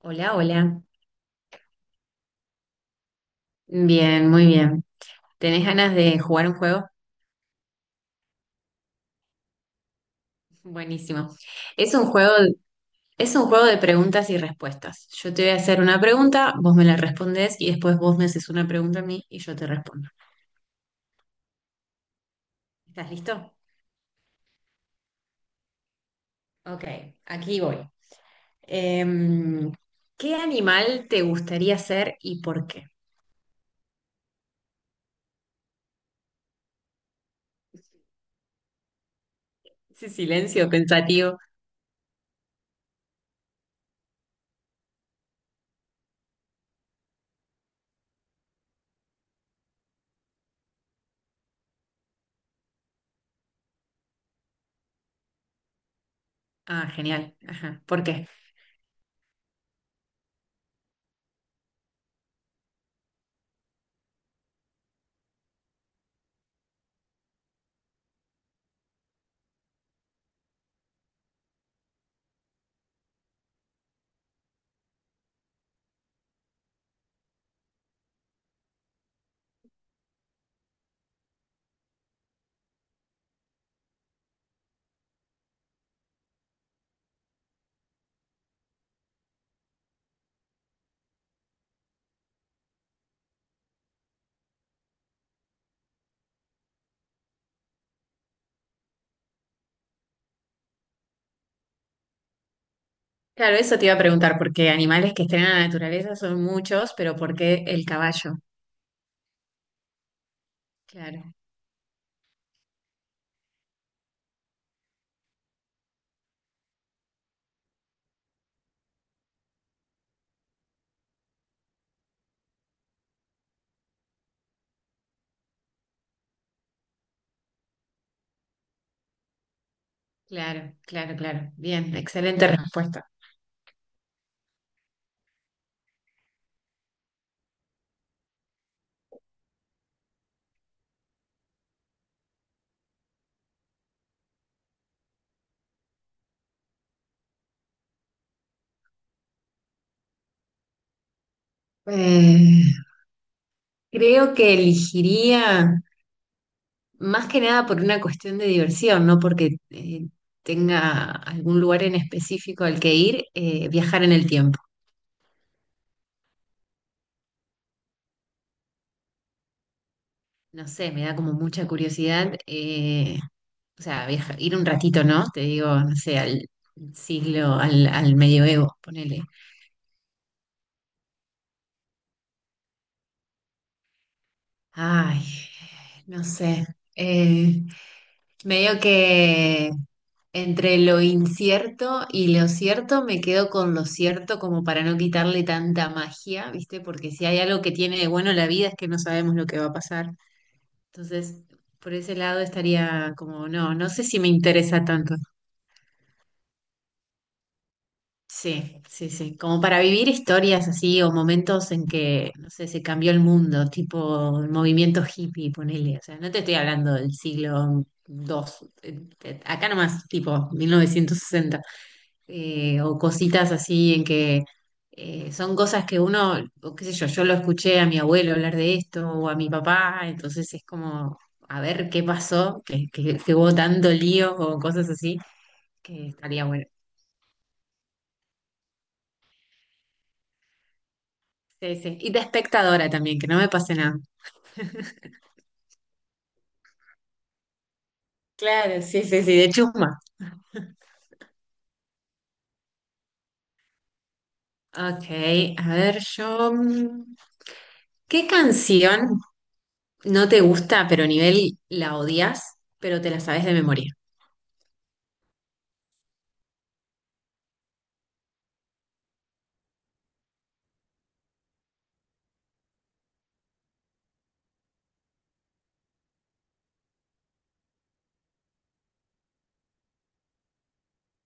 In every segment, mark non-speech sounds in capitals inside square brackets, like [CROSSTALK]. Hola, hola. Bien, muy bien. ¿Tenés ganas de jugar un juego? [LAUGHS] Buenísimo. Es un juego, es un juego de preguntas y respuestas. Yo te voy a hacer una pregunta, vos me la respondes y después vos me haces una pregunta a mí y yo te respondo. ¿Estás listo? Ok, aquí voy. Em, ¿Qué animal te gustaría ser y por qué? Ese silencio pensativo. Ah, genial. Ajá. ¿Por qué? Claro, eso te iba a preguntar, porque animales que estén en la naturaleza son muchos, pero ¿por qué el caballo? Claro, claro, claro, claro. Bien, excelente respuesta. Eh, creo que elegiría más que nada por una cuestión de diversión, no porque tenga algún lugar en específico al que ir, viajar en el tiempo. No sé, me da como mucha curiosidad, o sea, ir un ratito, ¿no? Te digo, no sé, al siglo, al medioevo, ponele. Ay, no sé. Eh, medio que entre lo incierto y lo cierto me quedo con lo cierto como para no quitarle tanta magia, ¿viste? Porque si hay algo que tiene de bueno la vida es que no sabemos lo que va a pasar. Entonces, por ese lado estaría como, no, no sé si me interesa tanto. Sí, sí, sí. Como para vivir historias así o momentos en que, no sé, se cambió el mundo, tipo el movimiento hippie, ponele. O sea, no te estoy hablando del siglo dos. Acá nomás, tipo 1960. O cositas así en que son cosas que uno, o qué sé yo, yo lo escuché a mi abuelo hablar de esto o a mi papá, entonces es como a ver qué pasó, que hubo tanto lío o cosas así, que estaría bueno. Sí, sí. Y de espectadora también, que no me pase nada. [LAUGHS] Claro, sí, sí, sí, de chuma. Ok, a ver, yo. ¿Qué canción no te gusta, pero a nivel la odias, pero te la sabes de memoria?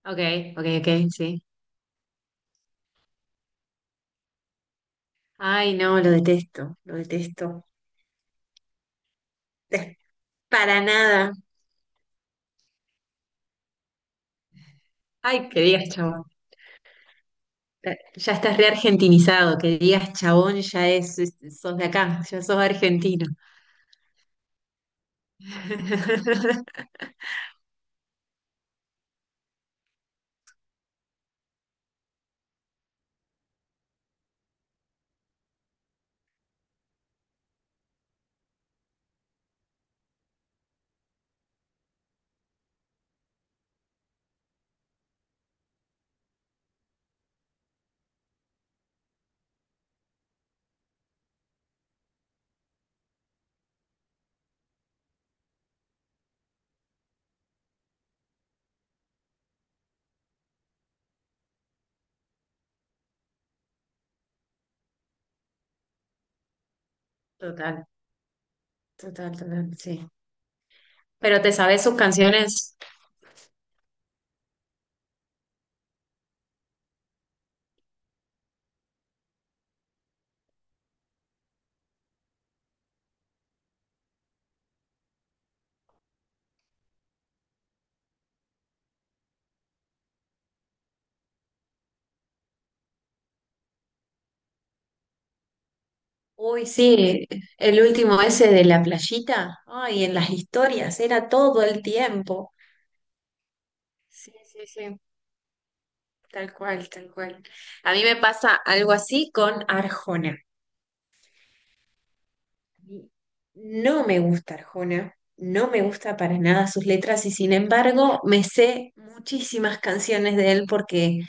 Ok, ok, ok, sí. Ay, no, lo detesto, lo detesto. Es Para nada. Ay, que digas chabón. Ya estás reargentinizado que digas chabón, ya es, sos de acá, ya sos argentino. [LAUGHS] Total, total, total, sí. Pero te sabes sus canciones. Uy, sí, el último ese de la playita. Ay, en las historias, era todo el tiempo. Sí, sí, sí, tal cual, tal cual. A mí me pasa algo así con Arjona. Y no me gusta Arjona, no me gusta para nada sus letras y sin embargo me sé muchísimas canciones de él porque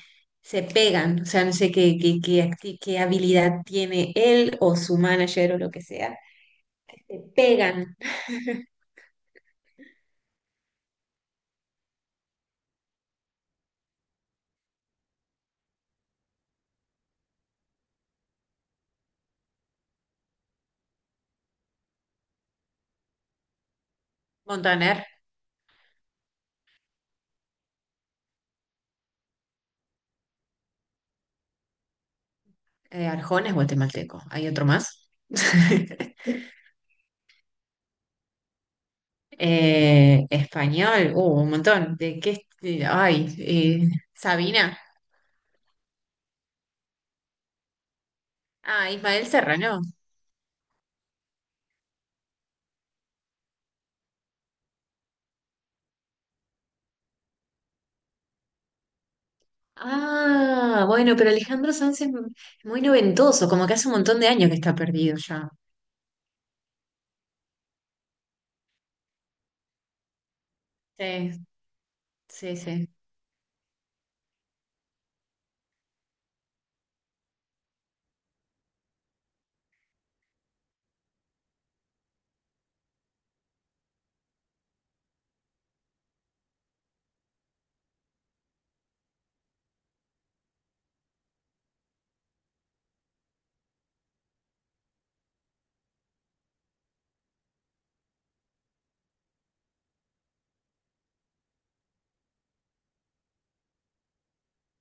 se pegan, o sea, no sé qué, qué habilidad tiene él o su manager o lo que sea, se pegan. Montaner, Arjona es guatemalteco, hay otro más. [LAUGHS] Español, un montón. ¿De qué? est- Ay, eh, Sabina. Ah, Ismael Serrano. Ah, bueno, pero Alejandro Sanz es muy noventoso, como que hace un montón de años que está perdido ya. Sí, sí, sí.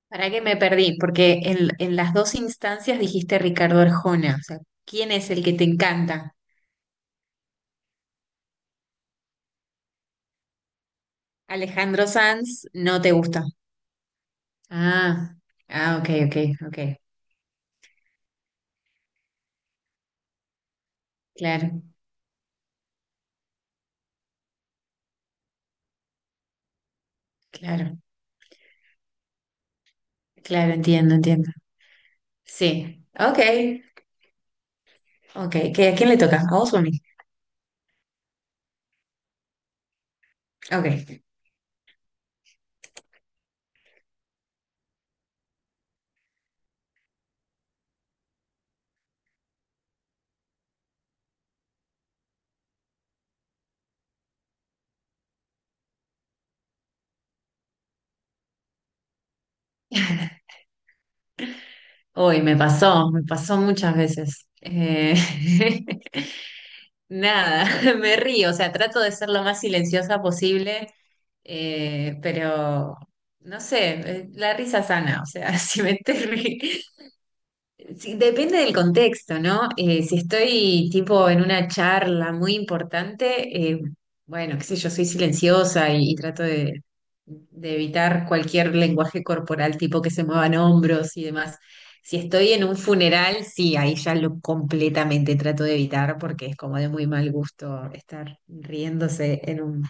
¿Para qué me perdí? Porque en las dos instancias dijiste Ricardo Arjona. O sea, ¿quién es el que te encanta? Alejandro Sanz no te gusta. Ah, ah, ok, ok, ok. Claro, claro, claro, entiendo, entiendo. Sí, ok, ok. ¿Qué, a quién le toca? ¿A vos o a mí? Ok. [LAUGHS] Uy, me pasó muchas veces. [LAUGHS] Nada, [LAUGHS] me río, o sea, trato de ser lo más silenciosa posible, pero no sé, la risa sana, o sea, [LAUGHS] si me estoy, ri- Sí, depende del contexto, ¿no? Si estoy tipo en una charla muy importante, bueno, qué sé yo, soy silenciosa y trato de evitar cualquier lenguaje corporal tipo que se muevan hombros y demás. Si estoy en un funeral, sí, ahí ya lo completamente trato de evitar porque es como de muy mal gusto estar riéndose en un...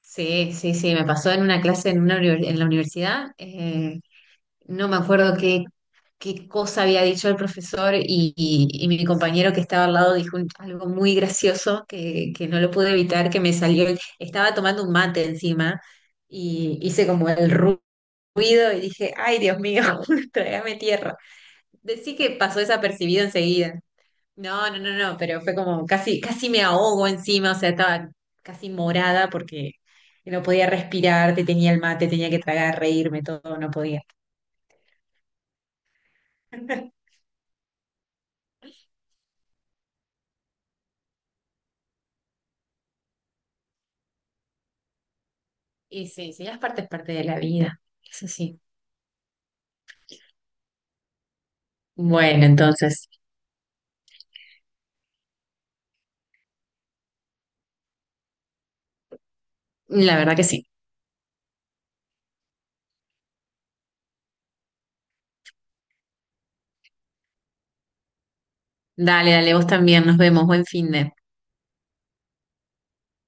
Sí, sí, sí, me pasó en una clase en, una, en la universidad. No me acuerdo qué, qué cosa había dicho el profesor y, y mi compañero que estaba al lado dijo algo muy gracioso que no lo pude evitar, que me salió, estaba tomando un mate encima y hice como el ruido y dije, ay Dios mío, [LAUGHS] trágame tierra. Decí que pasó desapercibido enseguida. No, no, no, no, pero fue como casi, casi me ahogo encima, o sea, estaba casi morada porque no podía respirar, te tenía el mate, tenía que tragar, reírme, todo, no podía. [LAUGHS] Y sí, sí, las partes parte de la vida. Eso sí. Bueno, entonces, la verdad que sí. Dale, dale, vos también. Nos vemos. Buen fin de.